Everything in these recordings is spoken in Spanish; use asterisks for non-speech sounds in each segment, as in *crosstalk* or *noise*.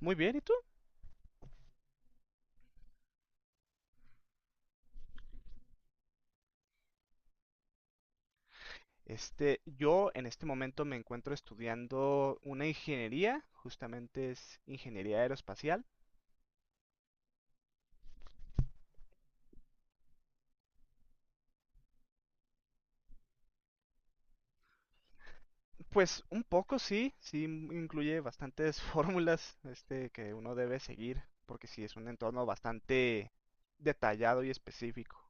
Muy bien, ¿y tú? Yo en este momento me encuentro estudiando una ingeniería, justamente es ingeniería aeroespacial. Pues un poco sí, sí incluye bastantes *laughs* fórmulas, que uno debe seguir, porque sí es un entorno bastante detallado y específico.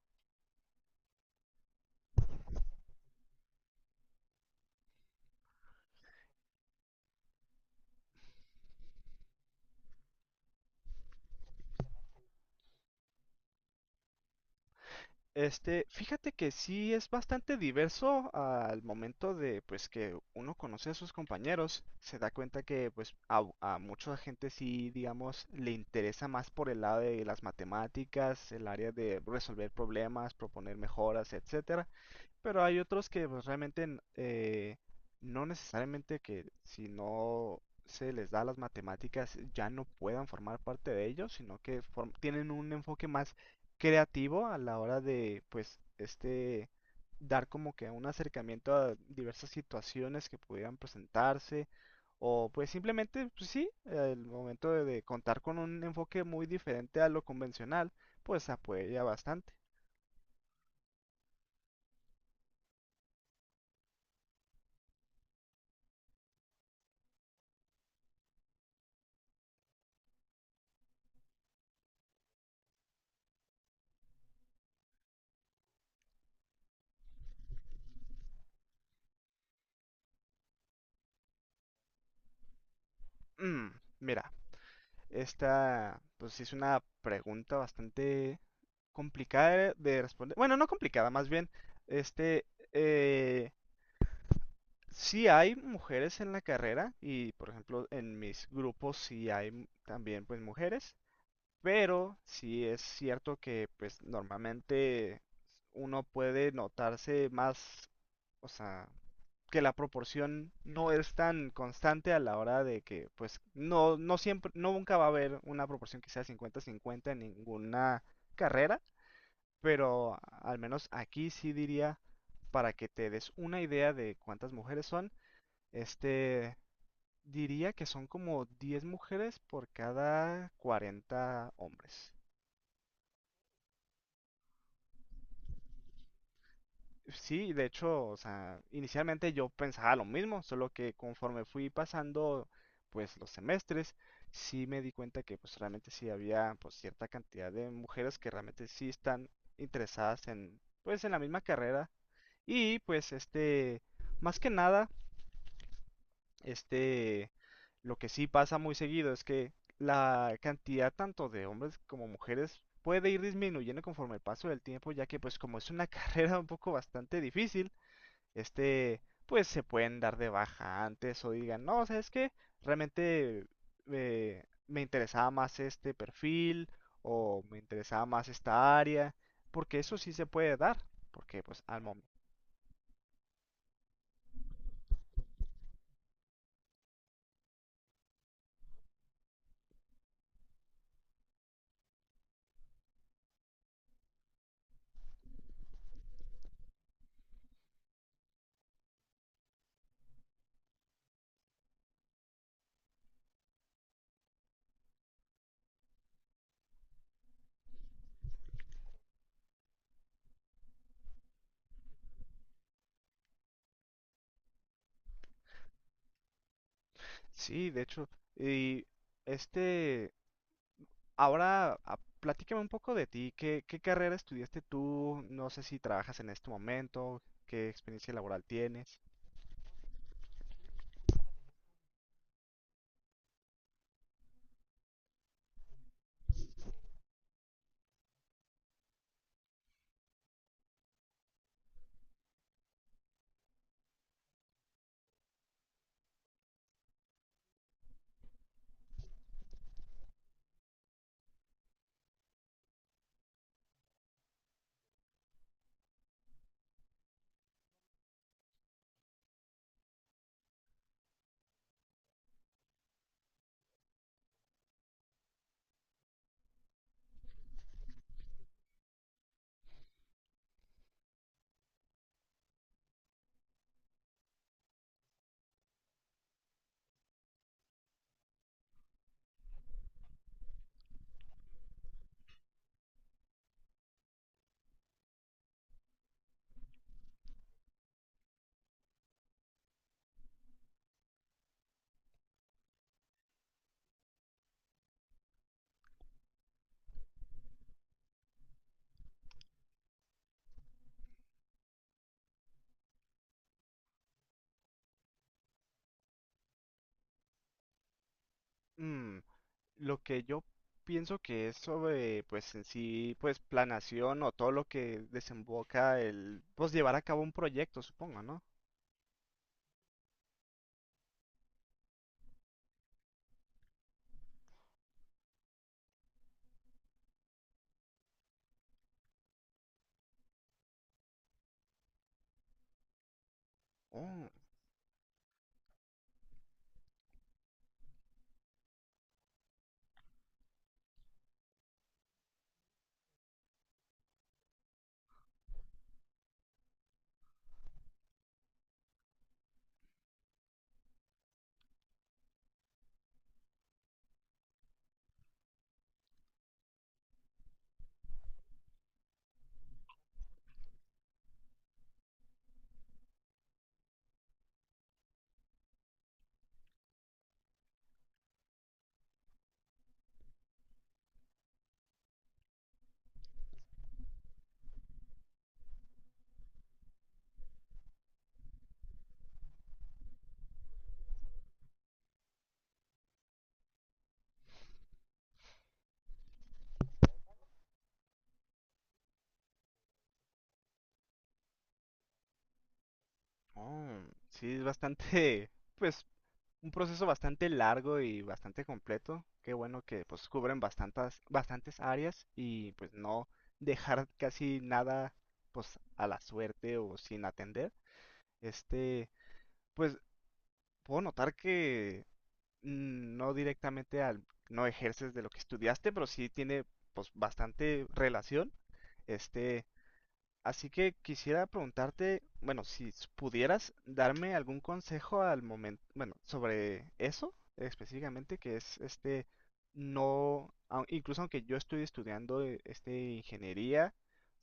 Fíjate que sí es bastante diverso al momento de pues que uno conoce a sus compañeros, se da cuenta que pues a mucha gente sí, digamos, le interesa más por el lado de las matemáticas, el área de resolver problemas, proponer mejoras, etcétera. Pero hay otros que pues, realmente no necesariamente que si no se les da las matemáticas ya no puedan formar parte de ellos, sino que tienen un enfoque más creativo a la hora de pues dar como que un acercamiento a diversas situaciones que pudieran presentarse o pues simplemente pues, sí, el momento de contar con un enfoque muy diferente a lo convencional, pues apoya bastante. Mm, mira. Pues sí es una pregunta bastante complicada de responder. Bueno, no complicada, más bien, este, eh, sí hay mujeres en la carrera y, por ejemplo, en mis grupos sí hay también, pues, mujeres, pero sí es cierto que, pues, normalmente uno puede notarse más, o sea, que la proporción no es tan constante a la hora de que, pues, no, no siempre, no nunca va a haber una proporción que sea 50-50 en ninguna carrera, pero al menos aquí sí diría, para que te des una idea de cuántas mujeres son, este, diría que son como 10 mujeres por cada 40 hombres. Sí, de hecho, o sea, inicialmente yo pensaba lo mismo, solo que conforme fui pasando, pues, los semestres, sí me di cuenta que, pues, realmente sí había, pues, cierta cantidad de mujeres que realmente sí están interesadas en, pues, en la misma carrera. Y, pues, más que nada, este, lo que sí pasa muy seguido es que la cantidad tanto de hombres como mujeres puede ir disminuyendo conforme el paso del tiempo, ya que, pues, como es una *laughs* carrera un poco bastante difícil, este, pues se pueden dar de baja antes o digan, no, ¿sabes qué? Realmente me interesaba más este perfil o me interesaba más esta área, porque eso sí se puede dar, porque pues al momento. Sí, de hecho, y este, ahora platícame un poco de ti, ¿qué, qué carrera estudiaste tú? No sé si trabajas en este momento, qué experiencia laboral tienes. Mm, lo que yo pienso que es sobre, pues en sí, pues planación o todo lo que desemboca el, pues llevar a cabo un proyecto, supongo, ¿no? Oh, oh, sí, es bastante, *laughs* pues un proceso bastante largo y bastante completo. Qué bueno que pues cubren bastantes, bastantes áreas y pues no dejar casi nada pues a la suerte o sin atender. Este, pues puedo notar que no directamente no ejerces de lo que estudiaste, pero sí tiene pues bastante relación. este Así que quisiera preguntarte, bueno, si pudieras darme algún consejo al momento, bueno, sobre eso específicamente, que es no, incluso aunque yo estoy estudiando ingeniería,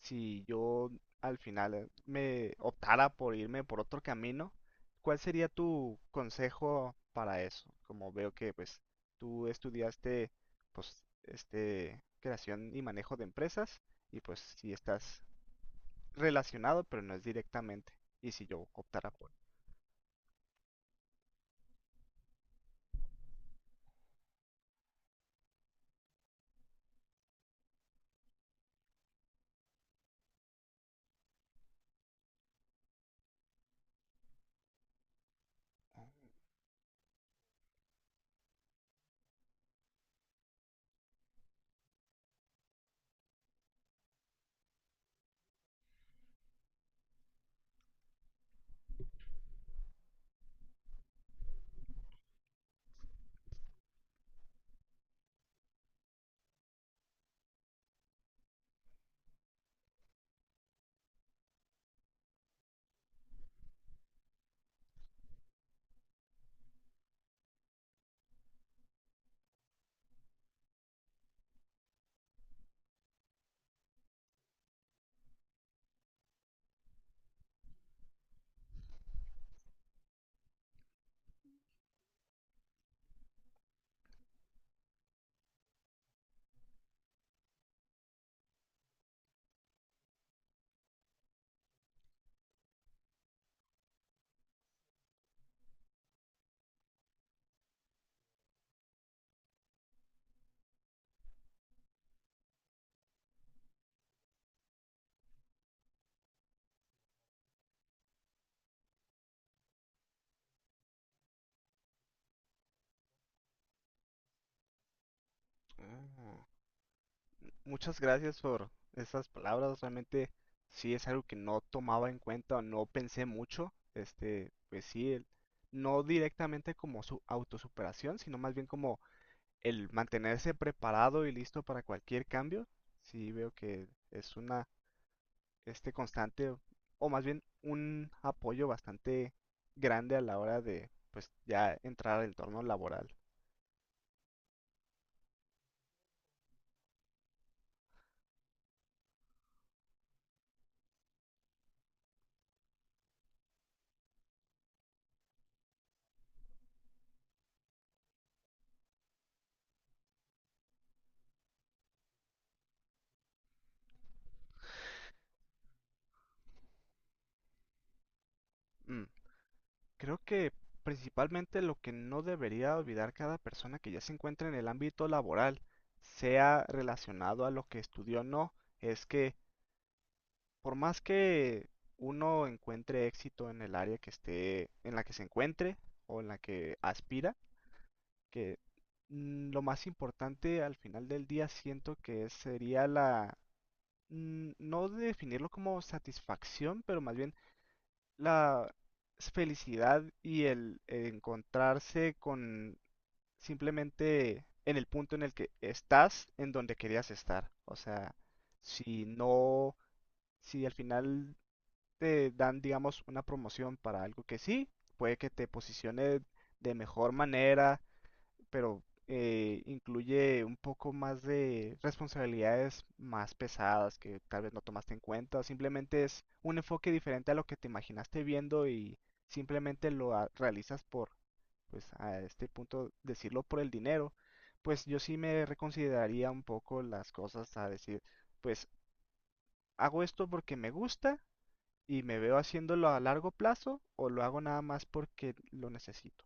si yo al final me optara por irme por otro camino, ¿cuál sería tu consejo para eso? Como veo que pues tú estudiaste pues creación y manejo de empresas y pues si estás relacionado, pero no es directamente. Y si yo optara por. Ah, muchas gracias por esas palabras, realmente sí es algo que no tomaba en cuenta o no pensé mucho. Pues sí, no directamente como su autosuperación, sino más bien como el mantenerse preparado y listo para cualquier cambio. Sí veo que es una, constante, o más bien un apoyo bastante grande a la hora de, pues ya entrar al entorno laboral. Mm. Creo que principalmente lo que no debería olvidar cada persona que ya se encuentra en el ámbito laboral, sea relacionado a lo que estudió o no, es que por más que uno encuentre éxito en el área que esté, en la que se encuentre o en la que aspira, que lo más importante al final del día siento que sería la, no definirlo como satisfacción, pero más bien la felicidad y el encontrarse con simplemente en el punto en el que estás, en donde querías estar. O sea, si no, si al final te dan, digamos, una promoción para algo que sí, puede que te posicione de mejor manera pero incluye un poco más de responsabilidades más pesadas que tal vez no tomaste en cuenta. Simplemente es un enfoque diferente a lo que te imaginaste viendo y simplemente lo realizas por, pues a este punto, decirlo por el dinero. Pues yo sí me reconsideraría un poco las cosas a decir, pues hago esto porque me gusta y me veo haciéndolo a largo plazo o lo hago nada más porque lo necesito.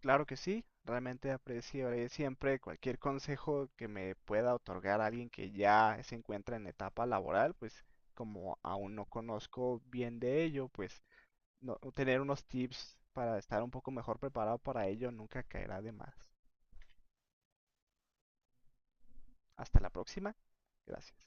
Claro que sí, realmente apreciaré siempre cualquier consejo que me pueda otorgar alguien que ya se encuentra en etapa laboral, pues como aún no conozco bien de ello, pues no, tener unos tips para estar un poco mejor preparado para ello nunca caerá de más. Hasta la próxima. Gracias.